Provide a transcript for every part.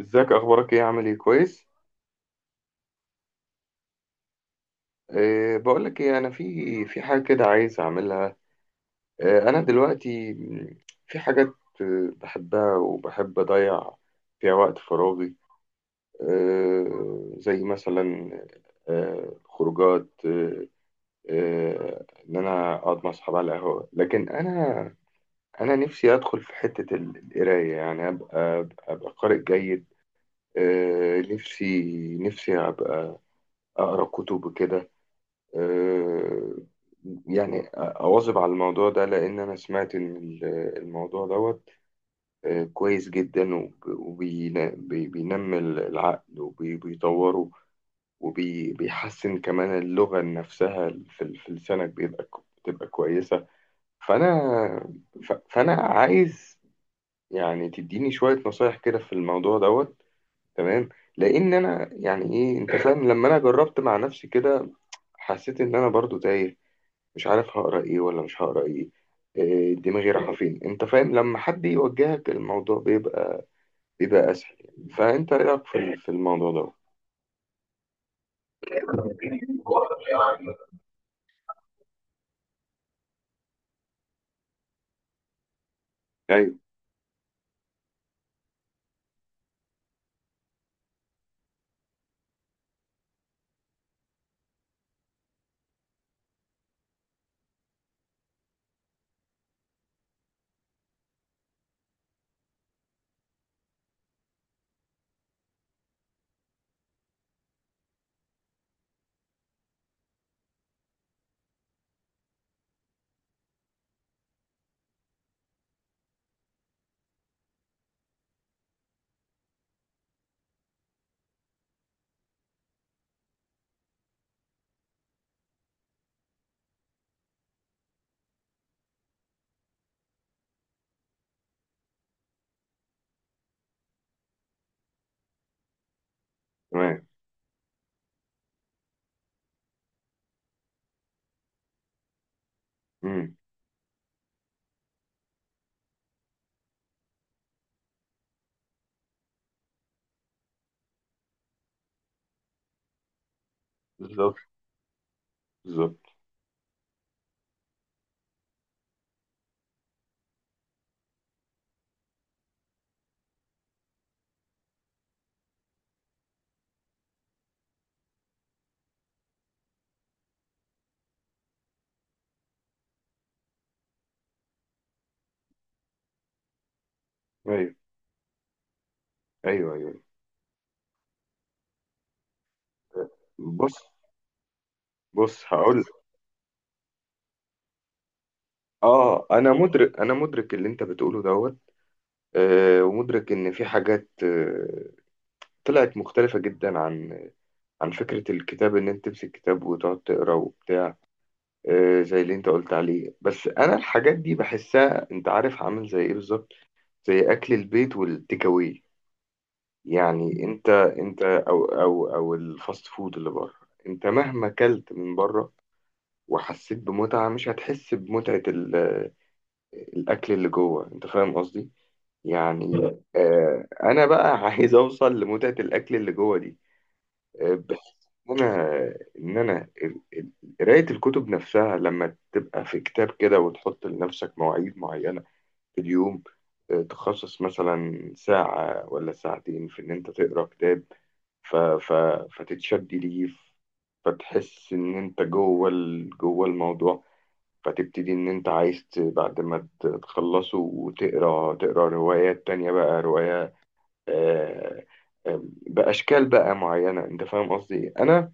ازيك، اخبارك ايه؟ عامل ايه؟ كويس. بقول لك ايه، انا في حاجه كده عايز اعملها. انا دلوقتي في حاجات، بحبها وبحب اضيع فيها وقت فراغي. زي مثلا خروجات، ان انا اقعد مع اصحابي على القهوه، لكن انا نفسي ادخل في حته القرايه، يعني ابقى قارئ جيد. أه نفسي نفسي ابقى اقرا كتب كده. آه، يعني أواظب على الموضوع ده، لأن أنا سمعت إن الموضوع دوت كويس جدا، وبينمي العقل وبيطوره، وبيحسن كمان اللغة نفسها في في لسانك، بتبقى كويسة. فأنا فأنا عايز يعني تديني شوية نصايح كده في الموضوع دوت. تمام. لأن أنا، يعني إيه، أنت فاهم؟ لما أنا جربت مع نفسي كده حسيت إن أنا برضو تايه، مش عارف هقرا ايه ولا مش هقرا ايه، إيه، دماغي رايحه فين. انت فاهم؟ لما حد يوجهك الموضوع بيبقى اسهل يعني. فانت ايه رايك في في الموضوع ده؟ ايوه. تمام. امم. بالظبط. بالظبط. ايوه، ايوه، ايوه. بص. بص. اه انا مدرك، انا مدرك اللي انت بتقوله دوت. ومدرك ان في حاجات طلعت مختلفه جدا عن فكره الكتاب، ان انت تمسك كتاب وتقعد تقرا وبتاع، زي اللي انت قلت عليه. بس انا الحاجات دي بحسها، انت عارف عامل زي ايه بالظبط؟ زي اكل البيت والتيك اواي يعني. انت او الفاست فود اللي بره، انت مهما كلت من بره وحسيت بمتعة، مش هتحس بمتعة الاكل اللي جوه. انت فاهم قصدي يعني. انا بقى عايز اوصل لمتعة الاكل اللي جوه دي. بحس ان انا، قرايه الكتب نفسها لما تبقى في كتاب كده، وتحط لنفسك مواعيد معينه في اليوم، تخصص مثلا ساعه ولا ساعتين في ان انت تقرا كتاب، ف ف فتتشد ليه، فتحس ان انت جوه جوه الموضوع. فتبتدي ان انت عايز، بعد ما تخلصه، وتقرا روايات تانية، بقى رواية آه، آه، بأشكال بقى معينة. انت فاهم قصدي إيه؟ انا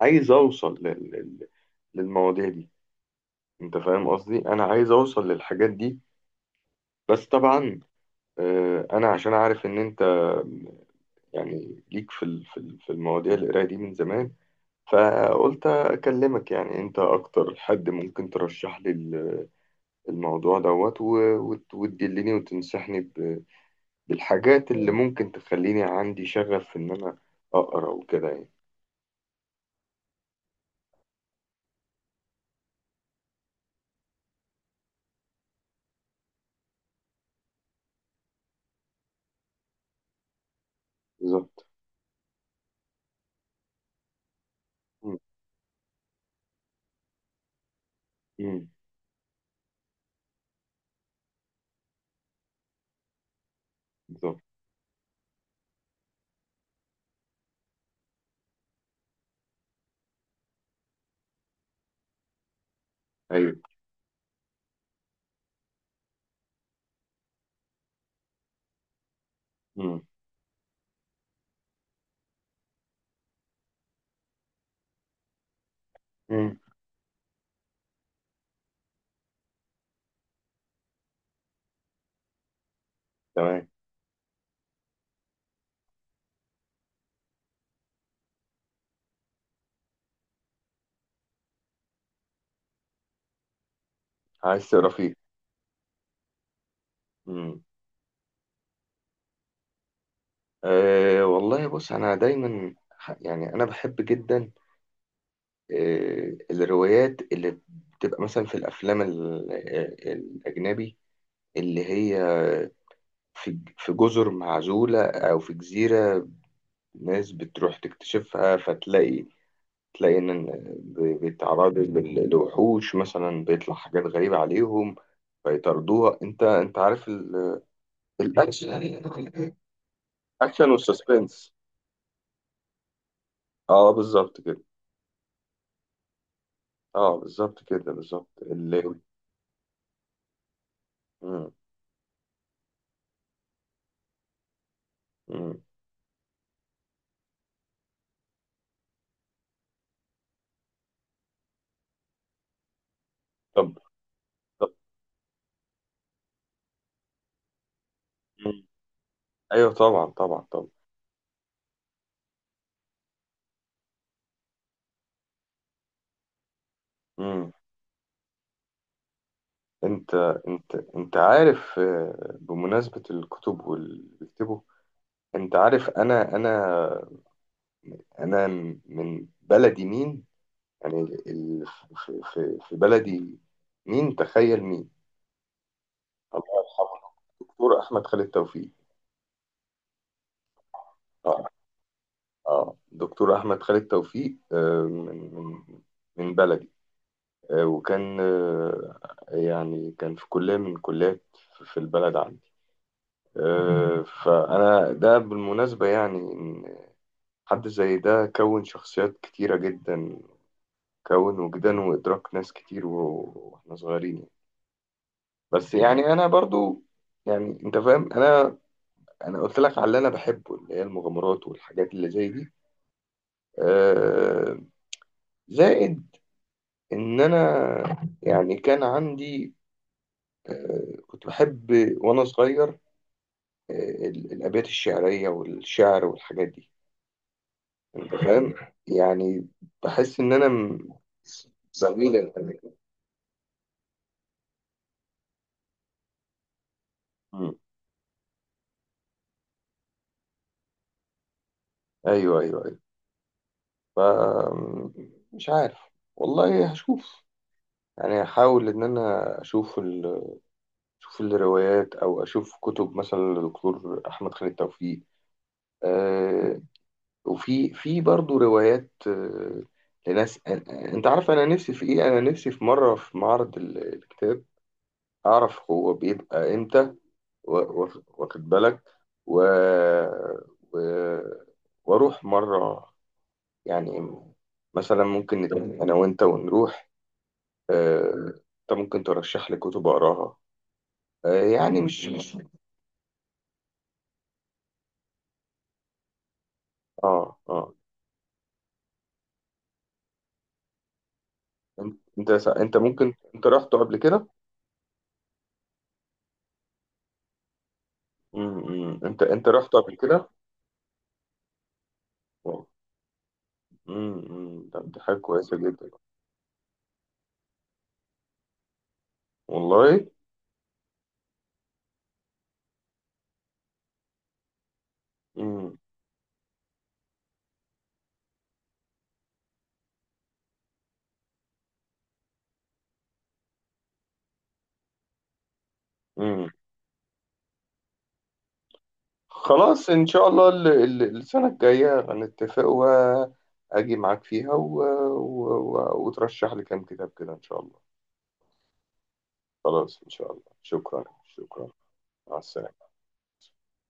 عايز اوصل للمواضيع دي. انت فاهم قصدي؟ انا عايز اوصل للحاجات دي. بس طبعا، انا عشان عارف ان انت يعني ليك في في المواضيع القرايه دي من زمان، فقلت اكلمك. يعني انت اكتر حد ممكن ترشح لي الموضوع دوت، وتدلني وتنصحني بالحاجات اللي ممكن تخليني عندي شغف في ان انا اقرا وكده يعني. بالظبط. مم. مم. بالظبط. ايوه. مم. مم. تمام. عايز تقرا فيه. امم. والله، بص، انا دايما يعني انا بحب جدا الروايات اللي بتبقى مثلا في الافلام الاجنبي، اللي هي في جزر معزولة او في جزيرة، ناس بتروح تكتشفها، فتلاقي ان بيتعرضوا لوحوش مثلا، بيطلع حاجات غريبة عليهم فيطاردوها. انت عارف، الاكشن، الاكشن والسسبنس. اه، بالظبط كده. اه، بالظبط كده، بالظبط اللاوي. مم. مم. طب. طب. مم. ايوه، طبعا، طبعا، طبعا. مم. انت انت عارف، بمناسبة الكتب واللي بيكتبوا، انت عارف، انا من بلدي مين، يعني في بلدي مين، تخيل مين. الله يرحمه، دكتور احمد خالد توفيق. اه. اه، دكتور احمد خالد توفيق، من بلدي، وكان، يعني كان في كلية من الكليات في البلد عندي. فأنا ده بالمناسبة يعني، إن حد زي ده كون شخصيات كتيرة جدا، كون وجدان وإدراك ناس كتير وإحنا صغيرين يعني. بس يعني أنا برضو، يعني أنت فاهم، أنا أنا قلت لك على اللي أنا بحبه، اللي هي المغامرات والحاجات اللي زي دي، آه، زائد إن أنا يعني كان عندي، كنت بحب وأنا صغير الأبيات الشعرية والشعر والحاجات دي. أنت فاهم؟ يعني بحس إن أنا زميل الأمانة. مم. أيوه، أيوه، أيوه. ف مش عارف، والله هشوف. يعني هحاول إن أنا أشوف أشوف الروايات، أو أشوف كتب مثلا للدكتور أحمد خالد توفيق. آه وفي برضه روايات، لناس أنت عارف، أنا نفسي في إيه؟ أنا نفسي في مرة في معرض الكتاب، أعرف هو بيبقى إمتى، واخد بالك، و... و... واروح مره يعني، مثلا ممكن نتفق انا وانت ونروح. آه، انت ممكن ترشح لي كتب اقراها، يعني مش. اه، اه. انت رحت قبل كده؟ انت رحت قبل كده؟ طب، دي حاجه كويسه جدا. والله. امم. خلاص إن شاء الله السنة الجاية هنتفق وأجي معاك فيها، وترشح لي كام كتاب كده إن شاء الله. خلاص إن شاء الله، شكرا، شكرا. مع السلامة.